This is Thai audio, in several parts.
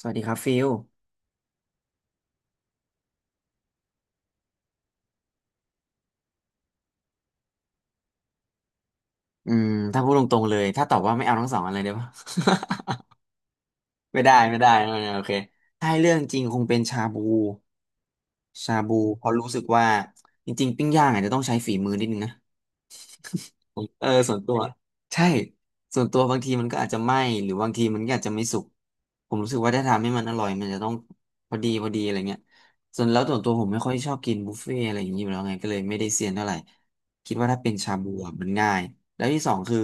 สวัสดีครับฟิลอืมถ้าพูดตรงๆเลยถ้าตอบว่าไม่เอาทั้งสองอันเลยได้ปะ ไม่ได้ไม่ได้ไม่ได้โอเคถ้าให้เรื่องจริงคงเป็นชาบูชาบูเพราะรู้สึกว่าจริงๆปิ้งย่างอาจจะต้องใช้ฝีมือนิดนึงนะ เออส่วนตัวใช่ส่วนตัวบางทีมันก็อาจจะไหม้หรือบางทีมันก็อาจจะไม่สุกผมรู้สึกว่าถ้าทำให้มันอร่อยมันจะต้องพอดีพอดีอะไรเงี้ยส่วนแล้วส่วนตัวผมไม่ค่อยชอบกินบุฟเฟ่อะไรอย่างนี้อยู่แล้วไงก็เลยไม่ได้เซียนเท่าไหร่คิดว่าถ้าเป็นชาบูอะมันง่ายแล้วที่สองคือ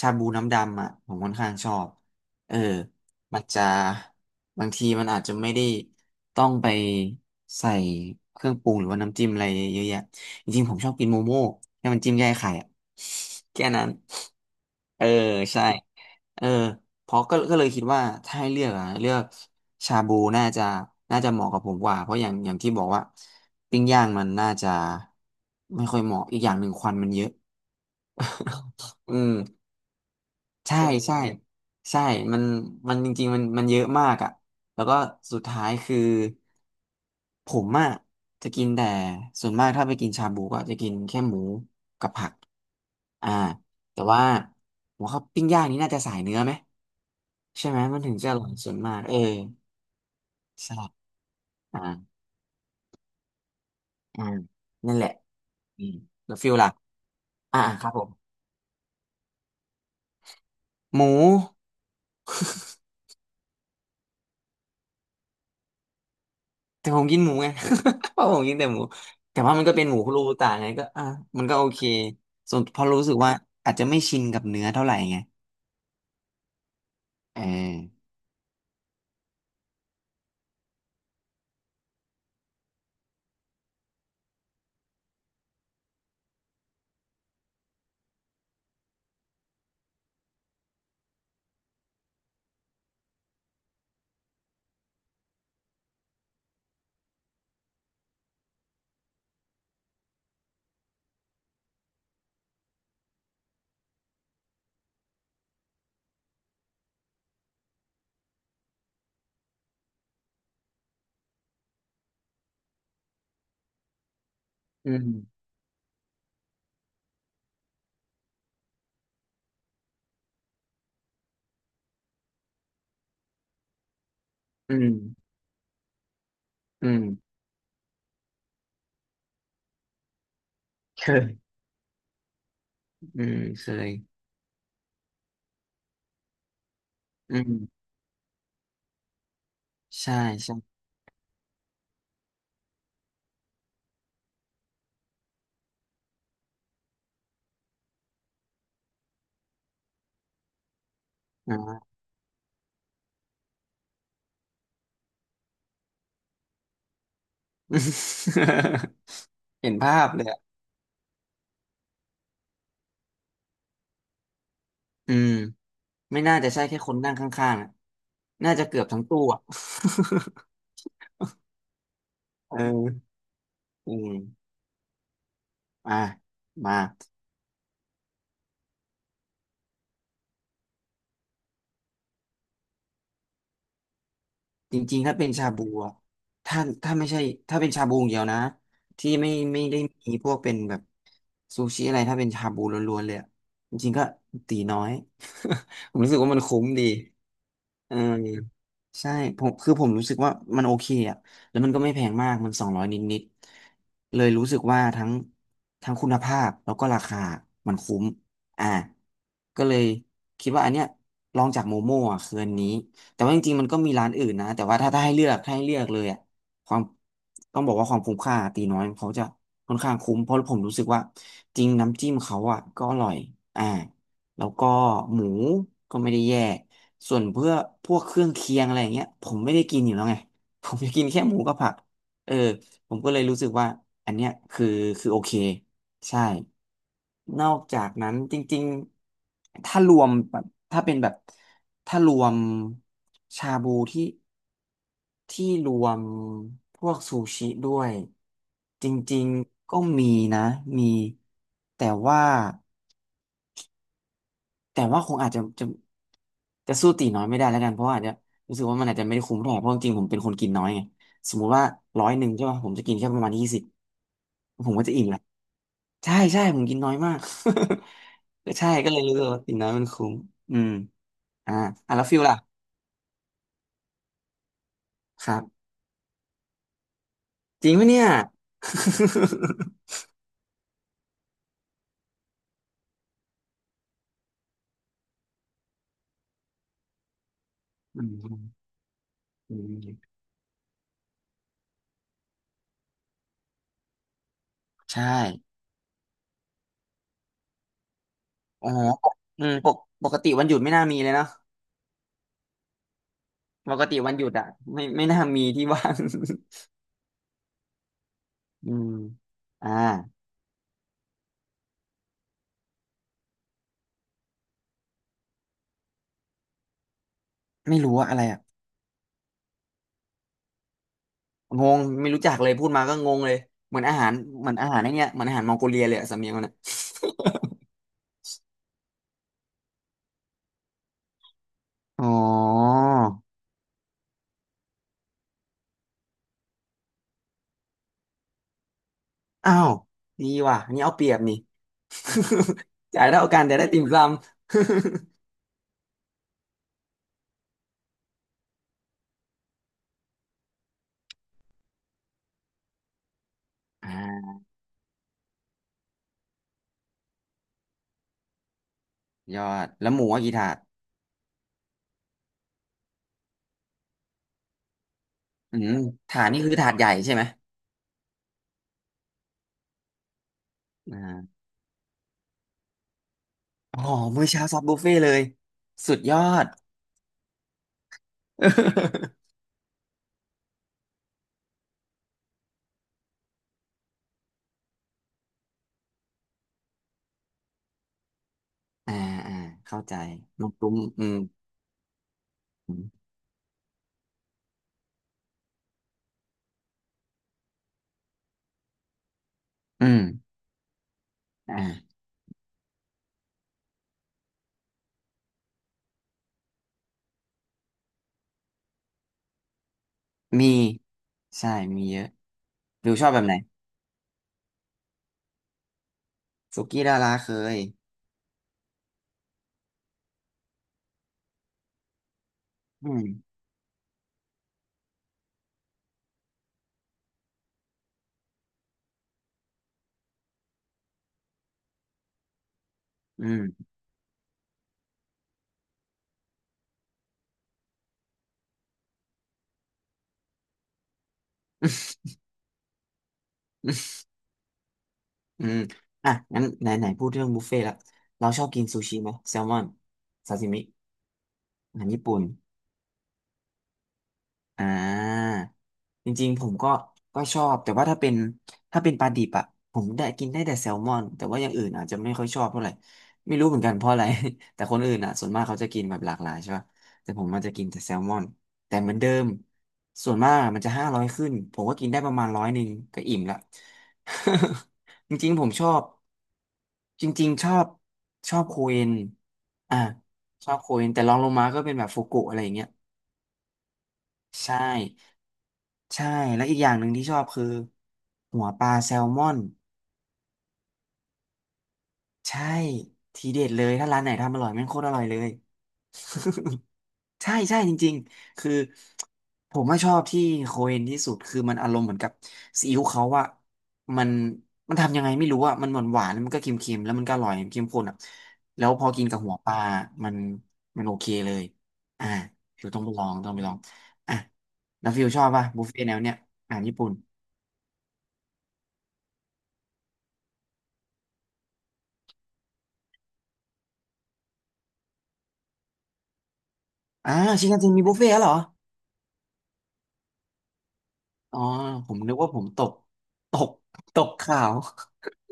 ชาบูน้ำดำอ่ะผมค่อนข้างชอบเออมันจะบางทีมันอาจจะไม่ได้ต้องไปใส่เครื่องปรุงหรือว่าน้ำจิ้มอะไรเยอะแยะ จริงๆผมชอบกินโมโม่ให้มันจิ้มแยกไข่อะ แค่นั้นเออใช่เออเพราะก็เลยคิดว่าถ้าให้เลือกอะเลือกชาบูน่าจะน่าจะเหมาะกับผมกว่าเพราะอย่างที่บอกว่าปิ้งย่างมันน่าจะไม่ค่อยเหมาะอีกอย่างหนึ่งควันมันเยอะอืม ใช่ใช่ใช่มันมันจริงๆมันมันเยอะมากอ่ะแล้วก็สุดท้ายคือผมอ่ะจะกินแต่ส่วนมากถ้าไปกินชาบูก็จะกินแค่หมูกับผักอ่าแต่ว่าผมว่าปิ้งย่างนี้น่าจะสายเนื้อไหมใช่ไหมมันถึงจะอร่อยส่วนมากเออใช่อ่าอ่านั่นแหละอืมแล้วฟิลล่ะอ่าครับผมหมู แต่ผมกินหมูไง เพราะผมกินแต่หมู แต่ว่ามันก็เป็นหมูคุโรบุตะไงก็อ่ะมันก็โอเค ส่วนพอรู้สึกว่าอาจจะไม่ชินกับเนื้อเท่าไหร่ไงเอออืมอืมอืม เคยอืมเคยอืมใช่ ใช่อ่า เห็นภาพเลยอ่ะอืมไม่น่าจะใช่แค่คนนั่งข้างๆอะน่าจะเกือบทั้งตู้อ่ะ เอออืมอ่ะมา จริงๆถ้าเป็นชาบูอะถ้าถ้าไม่ใช่ถ้าเป็นชาบูอย่างเดียวนะที่ไม่ไม่ได้มีพวกเป็นแบบซูชิอะไรถ้าเป็นชาบูล้วนๆเลยอะจริงๆก็ตีน้อย ผมรู้สึกว่ามันคุ้มดีเออใช่ผมคือผมรู้สึกว่ามันโอเคอ่ะแล้วมันก็ไม่แพงมากมัน200นิดๆเลยรู้สึกว่าทั้งคุณภาพแล้วก็ราคามันคุ้มอ่าก็เลยคิดว่าอันเนี้ยลองจากโมโม่อ่ะคืออันนี้ แต่ว่าจริงๆมันก็มีร้านอื่นนะแต่ว่าถ้าให้เลือกถ้าให้เลือกเลยอ่ะความต้องบอกว่าความคุ้มค่าตีน้อยเขาจะค่อนข้างคุ้มเพราะผมรู้สึกว่าจริงน้ำจิ้มเขาอ่ะก็อร่อยอ่าแล้วก็หมูก็ไม่ได้แย่ส่วนเพื่อพวกเครื่องเคียงอะไรอย่างเงี้ยผมไม่ได้กินอยู่แล้วไง ผมจะกินแค่หมูกับผักเออผมก็เลยรู้สึกว่าอันเนี้ยคือคือโอเค ใช่ นอกจากนั้นจริงๆ ถ้ารวมแบบถ้าเป็นแบบถ้ารวมชาบูที่ที่รวมพวกซูชิด้วยจริงๆ ก็มีนะมีแต่ว่าแต่ว่าคงอาจจะจะสู้ตีน้อยไม่ได้แล้วกันเพราะว่าอาจจะรู้สึกว่ามันอาจจะไม่ได้คุ้มเท่าไหร่เพราะจริงๆผมเป็นคนกินน้อยไงสมมุติว่าร้อยหนึ่งใช่ป่ะผมจะกินแค่ประมาณ20ผมก็จะอิ่มละ ใช่ใช่ผมกินน้อยมาก ก็ใช่ก็เลยรู้สึกว่ากินน้อยมันคุ้มอืมอ่าอ่ะแล้วฟิลล่ะครับจริงปะเนี่ย อืมอืมใช่อ๋อปกอืมปกปกติวันหยุดไม่น่ามีเลยเนาะปกติวันหยุดอ่ะไม่ไม่น่ามีที่ว่าง อืมอ่าไม่รู้ว่าอะไรอ่ะงงไม่รู้จักเลยพูดมาก็งงเลย เหมือนอาหารเหมือนอาหารไอ้เนี่ยเหมือนอาหารมองโกเลียเลยอะสำเนียงมันอ่ะ อ๋ออ้าวดีว่ะอันนี่เอาเปรียบนี่ จ่ายเท่ากันแต่ได้ติ่มซำ อ่ายอดแล้วหมูว่ากี่ถาดอืมถาดนี่คือถาดใหญ่ใช่ไหมอ่าอ๋อมื้อเช้าซอฟต์บุฟเฟ่ต์เลยสุดยอด อ่าอ่าเข้าใจมูกตุ้มอืมอืมอืมอ่ามีใช่มีเยอะดูชอบแบบไหนสุกี้ดาราเคยอืมอืมอืมอ่ะงั้นไหนไหนพูดเรื่องบุฟเฟ่ต์ละเราชอบกินซูชิไหมแซลมอนซาซิมิอาหารญี่ปุ่น อ่าจริงๆผมก็ก็ชอบแต่ว่าถ้าเป็นถ้าเป็นปลาดิบอะผมได้กินได้แต่แซลมอนแต่ว่าอย่างอื่นอาจจะไม่ค่อยชอบเท่าไหร่ไม่รู้เหมือนกันเพราะอะไร แต่คนอื่นอะส่วนมากเขาจะกินแบบหลากหลายใช่ป่ะแต่ผมมันจะกินแต่แซลมอนแต่เหมือนเดิมส่วนมากมันจะ500ขึ้นผมก็กินได้ประมาณร้อยหนึ่งก็อิ่มละ จริงๆผมชอบจริงๆชอบชอบโคเอนอ่าชอบโคเอนแต่รองลงมาก็เป็นแบบฟูกุอะไรอย่างเงี้ยใช่ ใช่แล้วอีกอย่างหนึ่งที่ชอบคือหัวปลาแซลมอนใช่ทีเด็ดเลยถ้าร้านไหนทำอร่อยแม่งโคตรอร่อยเลย ใช่ใช่จริงๆคือผมว่าชอบที่โคเอนที่สุดคือมันอารมณ์เหมือนกับซีอิ๊วเขาอะมันมันทำยังไงไม่รู้อะมันหวานหวานมันก็เค็มๆแล้วมันก็อร่อยเค็มข้นอะแล้วพอกินกับหัวปลามันมันโอเคเลยอ่าฟิวต้องไปลองต้องไปลองอ่ะแล้วฟิวชอบป่ะบุฟเฟ่ต์แนวเนี้ยอาหารญี่ปุ่น อ่าชินคันเซ็นมีบุฟเฟ่ต์แล้วเหรออ๋อผมนึกว่าผมตกตกตกข่าว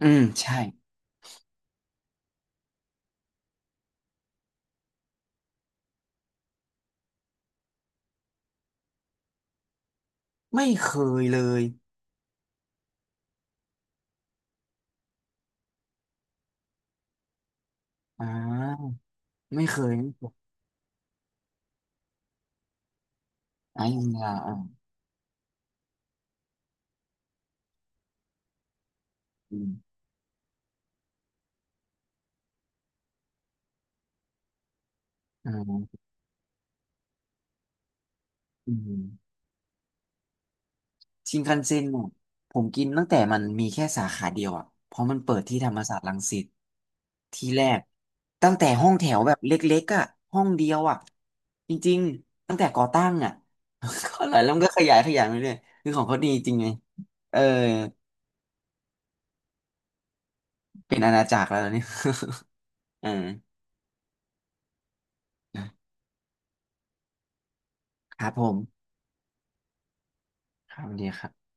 อืมใช่ไม่เคยเลยอ่าไม่เคยไม่เคยอ่ายินเยอ่าอืมอ่าอืมชินคันเซ็นเนี่ยผมกินตั้งแต่มันมีแค่สาขาเดียวอ่ะเพราะมันเปิดที่ธรรมศาสตร์รังสิตที่แรกตั้งแต่ห้องแถวแบบเล็กๆอ่ะห้องเดียวอ่ะจริงๆตั้งแต่ก่อตั้งอ่ะ ก็หลายแล้วมันก็ขยายขยายไปเรื่อยคือของเขาดีจริงไงเออ เป็นอาณาจักรแล้วเนี่ย อ่าครับผมครับสวัสดีครับ